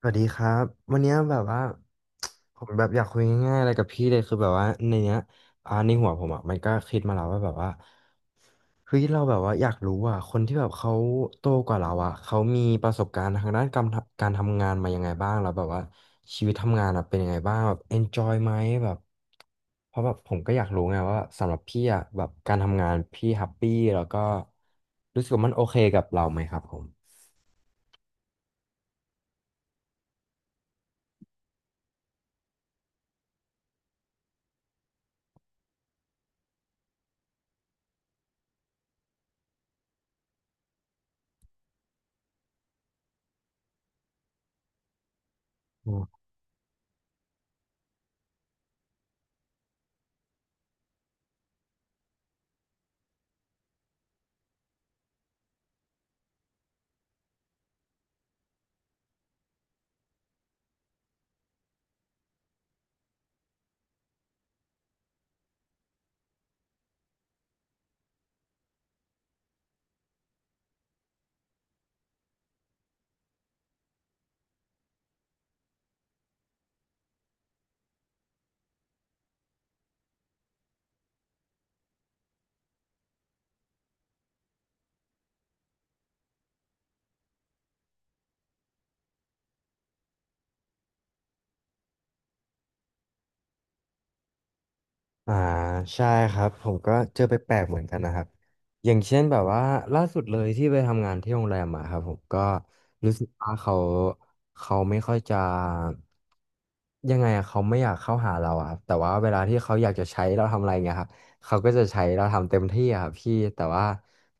สวัสดีครับวันเนี้ยแบบว่าผมแบบอยากคุยง่ายๆอะไรกับพี่เลยคือแบบว่าในเนี้ยในหัวผมอ่ะมันก็คิดมาแล้วว่าแบบว่าเฮ้ยเราแบบว่าอยากรู้อ่ะคนที่แบบเขาโตกว่าเราอ่ะเขามีประสบการณ์ทางด้านการทำงานมายังไงบ้างแล้วแบบว่าชีวิตทำงานอ่ะเป็นยังไงบ้างแบบ enjoy ไหมแบบเพราะแบบผมก็อยากรู้ไงว่าสำหรับพี่อ่ะแบบการทำงานพี่แฮปปี้แล้วก็รู้สึกว่ามันโอเคกับเราไหมครับผม อ่าใช่ครับผมก็เจอไปแปลกๆเหมือนกันนะครับอย่างเช่นแบบว่าล่าสุดเลยที่ไปทำงานที่โรงแรมมาครับผมก็รู้สึกว่าเขาไม่ค่อยจะยังไงอะเขาไม่อยากเข้าหาเราอะครับแต่ว่าเวลาที่เขาอยากจะใช้เราทำอะไรเงี้ยครับเขาก็จะใช้เราทำเต็มที่อะครับพี่แต่ว่า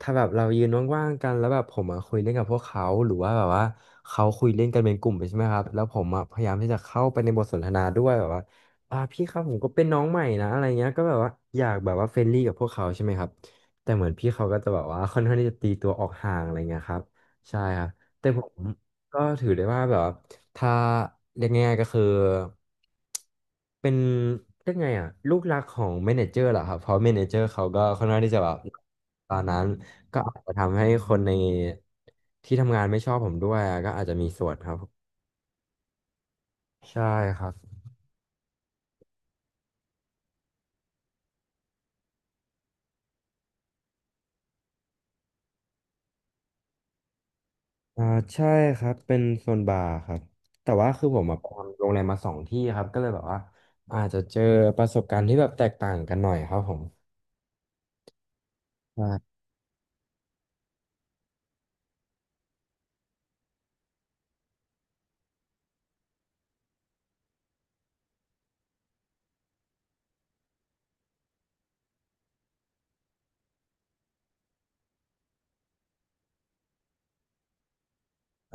ถ้าแบบเรายืนว่างๆกันแล้วแบบผมมาคุยเล่นกับพวกเขาหรือว่าแบบว่าเขาคุยเล่นกันเป็นกลุ่มไปใช่ไหมครับแล้วผมอะพยายามที่จะเข้าไปในบทสนทนาด้วยแบบว่า พี่ครับผมก็เป็นน้องใหม่นะอะไรเงี้ยก็แบบว่าอยากแบบว่าเฟรนลี่กับพวกเขาใช่ไหมครับแต่เหมือนพี่เขาก็จะแบบว่าค่อนข้างที่จะตีตัวออกห่างอะไรเงี้ยครับใช่ครับแต่ผมก็ถือได้ว่าแบบว่าถ้าเรียกง่ายๆก็คือเป็นเรียกไงอ่ะลูกรักของเมเนเจอร์เหรอครับเพราะเมเนเจอร์เขาก็ค่อนข้างที่จะแบบตอนนั้นก็อาจจะทำให้คนในที่ทำงานไม่ชอบผมด้วยอะก็อาจจะมีส่วนครับใช่ครับ อ่าใช่ครับเป็นโซนบาร์ครับแต่ว่าคือผมอะไปทำโรงแรมมา2 ที่ครับก็เลยแบบว่าอาจจะเจอประสบการณ์ที่แบบแตกต่างกันหน่อยครับผมใช่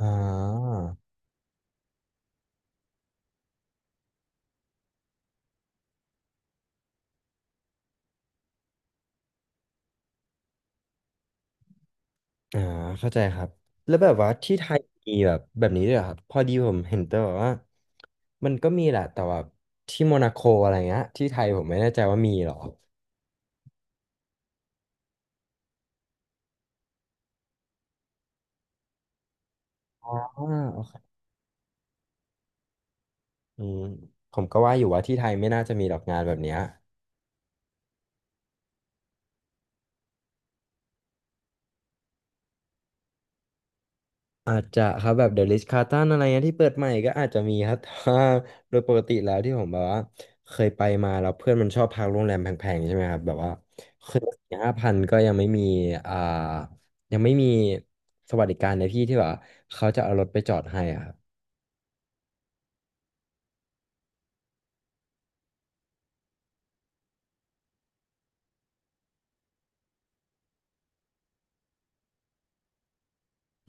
อ่าอ่าเข้าใจครับแล้วแบบว่าที่ไทยมีแบบแบบนี้ด้วยเหรอครับพอดีผมเห็นแต่แบบว่ามันก็มีแหละแต่ว่าที่โมนาโกอะไรเงี้ยที่ไทยผมไม่แน่ใจว่ามีเหรออ่าโอเคอืมผมก็ว่าอยู่ว่าที่ไทยไม่น่าจะมีหรอกงานแบบเนี้ย อาจจะครับแบบเดอะริชคาร์ตันอะไรเงี้ยที่เปิดใหม่ก็อาจจะมีครับ ถตาโดยปกติแล้วที่ผมแบบว่าเคยไปมาแล้วเพื่อนมันชอบพักโรงแรมแพงๆใช่ไหมครับแบบว่าคืนส5,000ก็ยังไม่มีอ่ายังไม่มีสวัสดิการในที่ที่แบบว่าเขาจะเอารถไปจอดให้อะครับ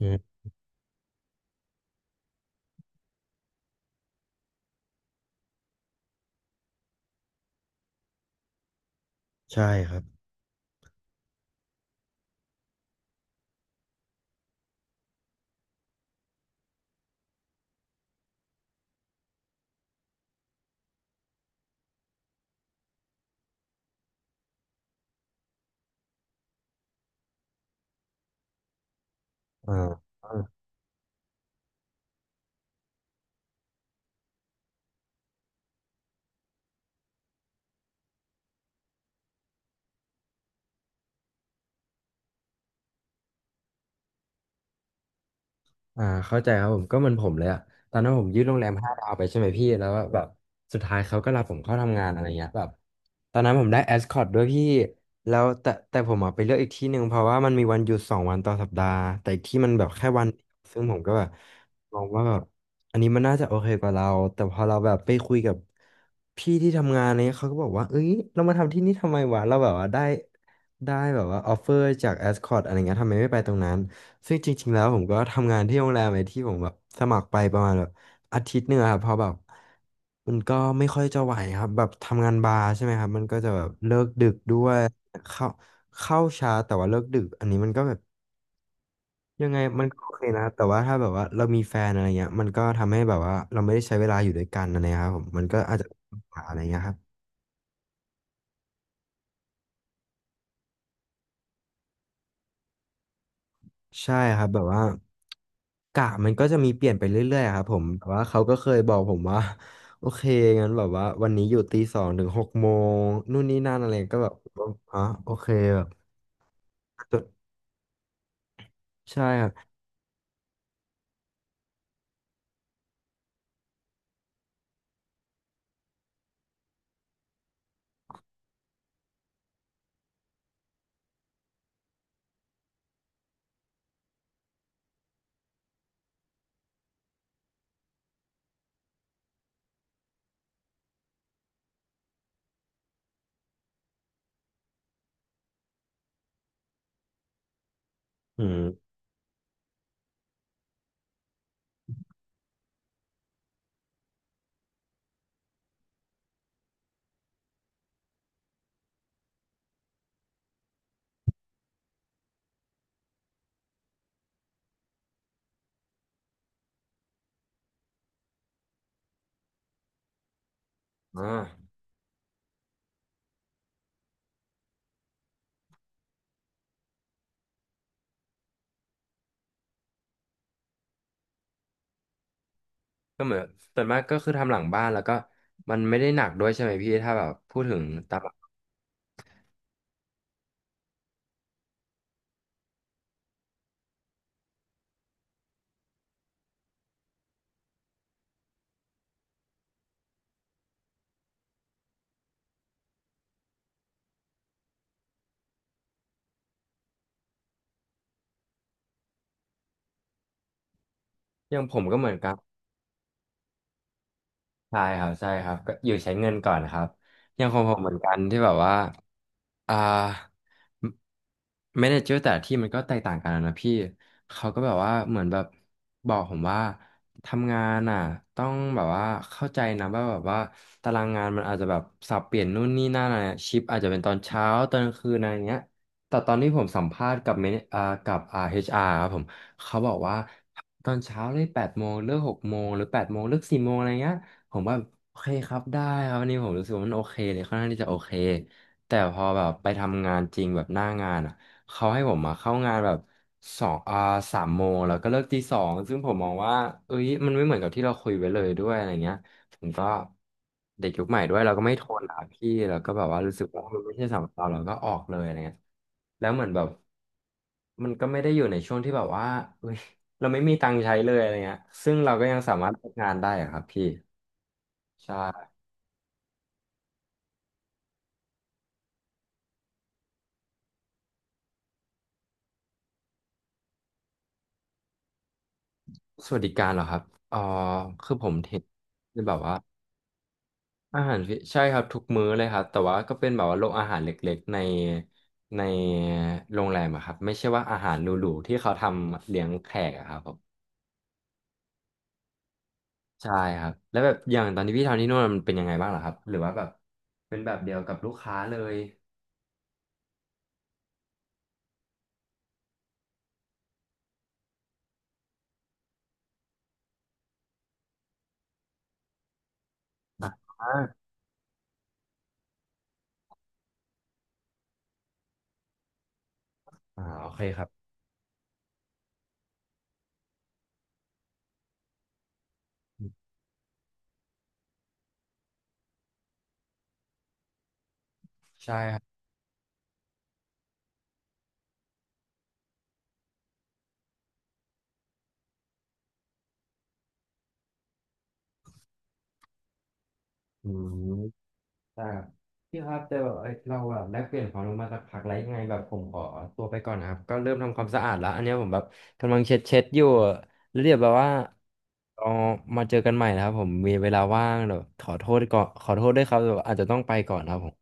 อืมใช่ครับอ่า เข้าใจครับผมก็เหมือนผมเลยอะตอนนั้นผมยืดโรงแรม5 ดาวไปใช่ไหมพี่แล้วแบบสุดท้ายเขาก็รับผมเข้าทำงานอะไรเงี้ยแบบตอนนั้นผมได้แอสคอตด้วยพี่แล้วแต่ผมอะไปเลือกอีกที่หนึ่งเพราะว่ามันมีวันหยุด2 วันต่อสัปดาห์แต่อีกที่มันแบบแค่วันเดียวซึ่งผมก็แบบมองว่าแบบอันนี้มันน่าจะโอเคกว่าเราแต่พอเราแบบไปคุยกับพี่ที่ทำงานเนี้ยเขาก็บอกว่าเอ้ยเรามาทำที่นี่ทำไมวะเราแบบว่าได้แบบว่าออฟเฟอร์จากแอสคอตอะไรเงี้ยทำไมไม่ไปตรงนั้น ซึ่งจริงๆแล้วผมก็ทำงานที่โรงแรมไอ้ที่ผมแบบสมัครไปประมาณแบบอาทิตย์หนึ่งอะครับเพอแบบมันก็ไม่ค่อยจะไหวครับแบบทำงานบาร์ใช่ไหมครับมันก็จะแบบเลิกดึกด้วยเข้าเข้าช้าแต่ว่าเลิกดึกอันนี้มันก็แบบยังไงมันก็โอเคนะแต่ว่าถ้าแบบว่าเรามีแฟนอะไรเงี้ยมันก็ทำให้แบบว่าเราไม่ได้ใช้เวลาอยู่ด้วยกันอะไรเงี้ยครับผมมันก็อาจจะมีปัญหาอะไรเงี้ยครับ ใช่ครับแบบว่ากะมันก็จะมีเปลี่ยนไปเรื่อยๆครับผมแต่ว่าเขาก็เคยบอกผมว่า โอเคงั้นแบบว่าวันนี้อยู่ตีสองถึงหกโมงนู่นนี่นั่นอะไรก็แบบอ๋อโอเคแบบใช่ครับอืมอ่าก็เหมือนส่วนมากก็คือทำหลังบ้านแล้วก็มันไม่ได้หนักด้วยใช่ไหมพี่ถ้าแบบพูดถึงตามหลักอย่างผมก็เหมือนกันใช่ครับใช่ครับก็อยู่ใช้เงินก่อนครับอย่างของผมเหมือนกันที่แบบว่า อ่าแมเนเจอร์แต่ละที่มันก็แตกต่างกันนะพี่เขาก็แบบว่าเหมือนแบบบอกผมว่าทำงานอ่ะต้องแบบว่าเข้าใจนะว่าแบบว่าตารางงานมันอาจจะแบบสับเปลี่ยนนู่นนี่นั่นอะไรชิปอาจจะเป็นตอนเช้าตอนกลางคืนอะไรเงี้ยแต่ตอนที่ผมสัมภาษณ์กับเมนกับเอชอาร์ครับผมเขาบอกว่าตอนเช้าเลยแปดโมงเลิก6 โมงหรือแปดโมงเลิก4 โมงอะไรเงี้ยผมว่าโอเคครับได้ครับวันนี้ผมรู้สึกว่ามันโอเคเลยค่อนข้างที่จะโอเค แต่พอแบบไปทำงานจริงแบบหน้างานอ่ะเขาให้ผมมาเข้างานแบบสองอ่า3 โมงแล้วก็เลิกตี 2ซึ่งผมมองว่าเอ้ยมันไม่เหมือนกับที่เราคุยไว้เลยด้วยอะไรเงี้ยผมก็เด็กยุคใหม่ด้วยเราก็ไม่ทนอ่ะพี่แล้วก็แบบว่ารู้สึกว่ามันไม่ใช่สำหรับเราเราก็ออกเลยอะไรเงี้ยแล้วเหมือนแบบมันก็ไม่ได้อยู่ในช่วงที่แบบว่าเอ้ยเราไม่มีตังค์ใช้เลยอะไรเงี้ยซึ่งเราก็ยังสามารถทำงานได้อะครับพี่ใช่สวัสดิการเหรอครับเอ๋อคือผมเห็นคือแบบว่า อาหารฟิใช่ครับทุกมื้อเลยครับแต่ว่าก็เป็นแบบว่าโรงอาหารเล็กๆในในโรงแรมอะครับไม่ใช่ว่าอาหารหรูๆที่เขาทำเลี้ยงแขกอะครับผมใช่ครับแล้วแบบอย่างตอนที่พี่ทำที่นู่นมันเป็นยังไงบ้างเหรอครับหรือว่าแบบเป็นแบบเดียวกับลูกค้าเลยอ่าอ่าโอเคครับใช่ครับอืม อ่ครับพี่ครับแต่แบบเอ้ยเราแบบได้เปลี่ยนความรู้มาสักพักแล้วยังไงแบบผมขอตัวไปก่อนนะครับก็เริ่มทำความสะอาดแล้วอันเนี้ยผมแบบกำลังเช็ดอยู่แล้วเดี๋ยวแบบว่าเรามาเจอกันใหม่นะครับผมมีเวลาว่างเดี๋ยวขอโทษก่อนขอโทษด้วยครับเดี๋ยวอาจจะต้องไปก่อนครับผม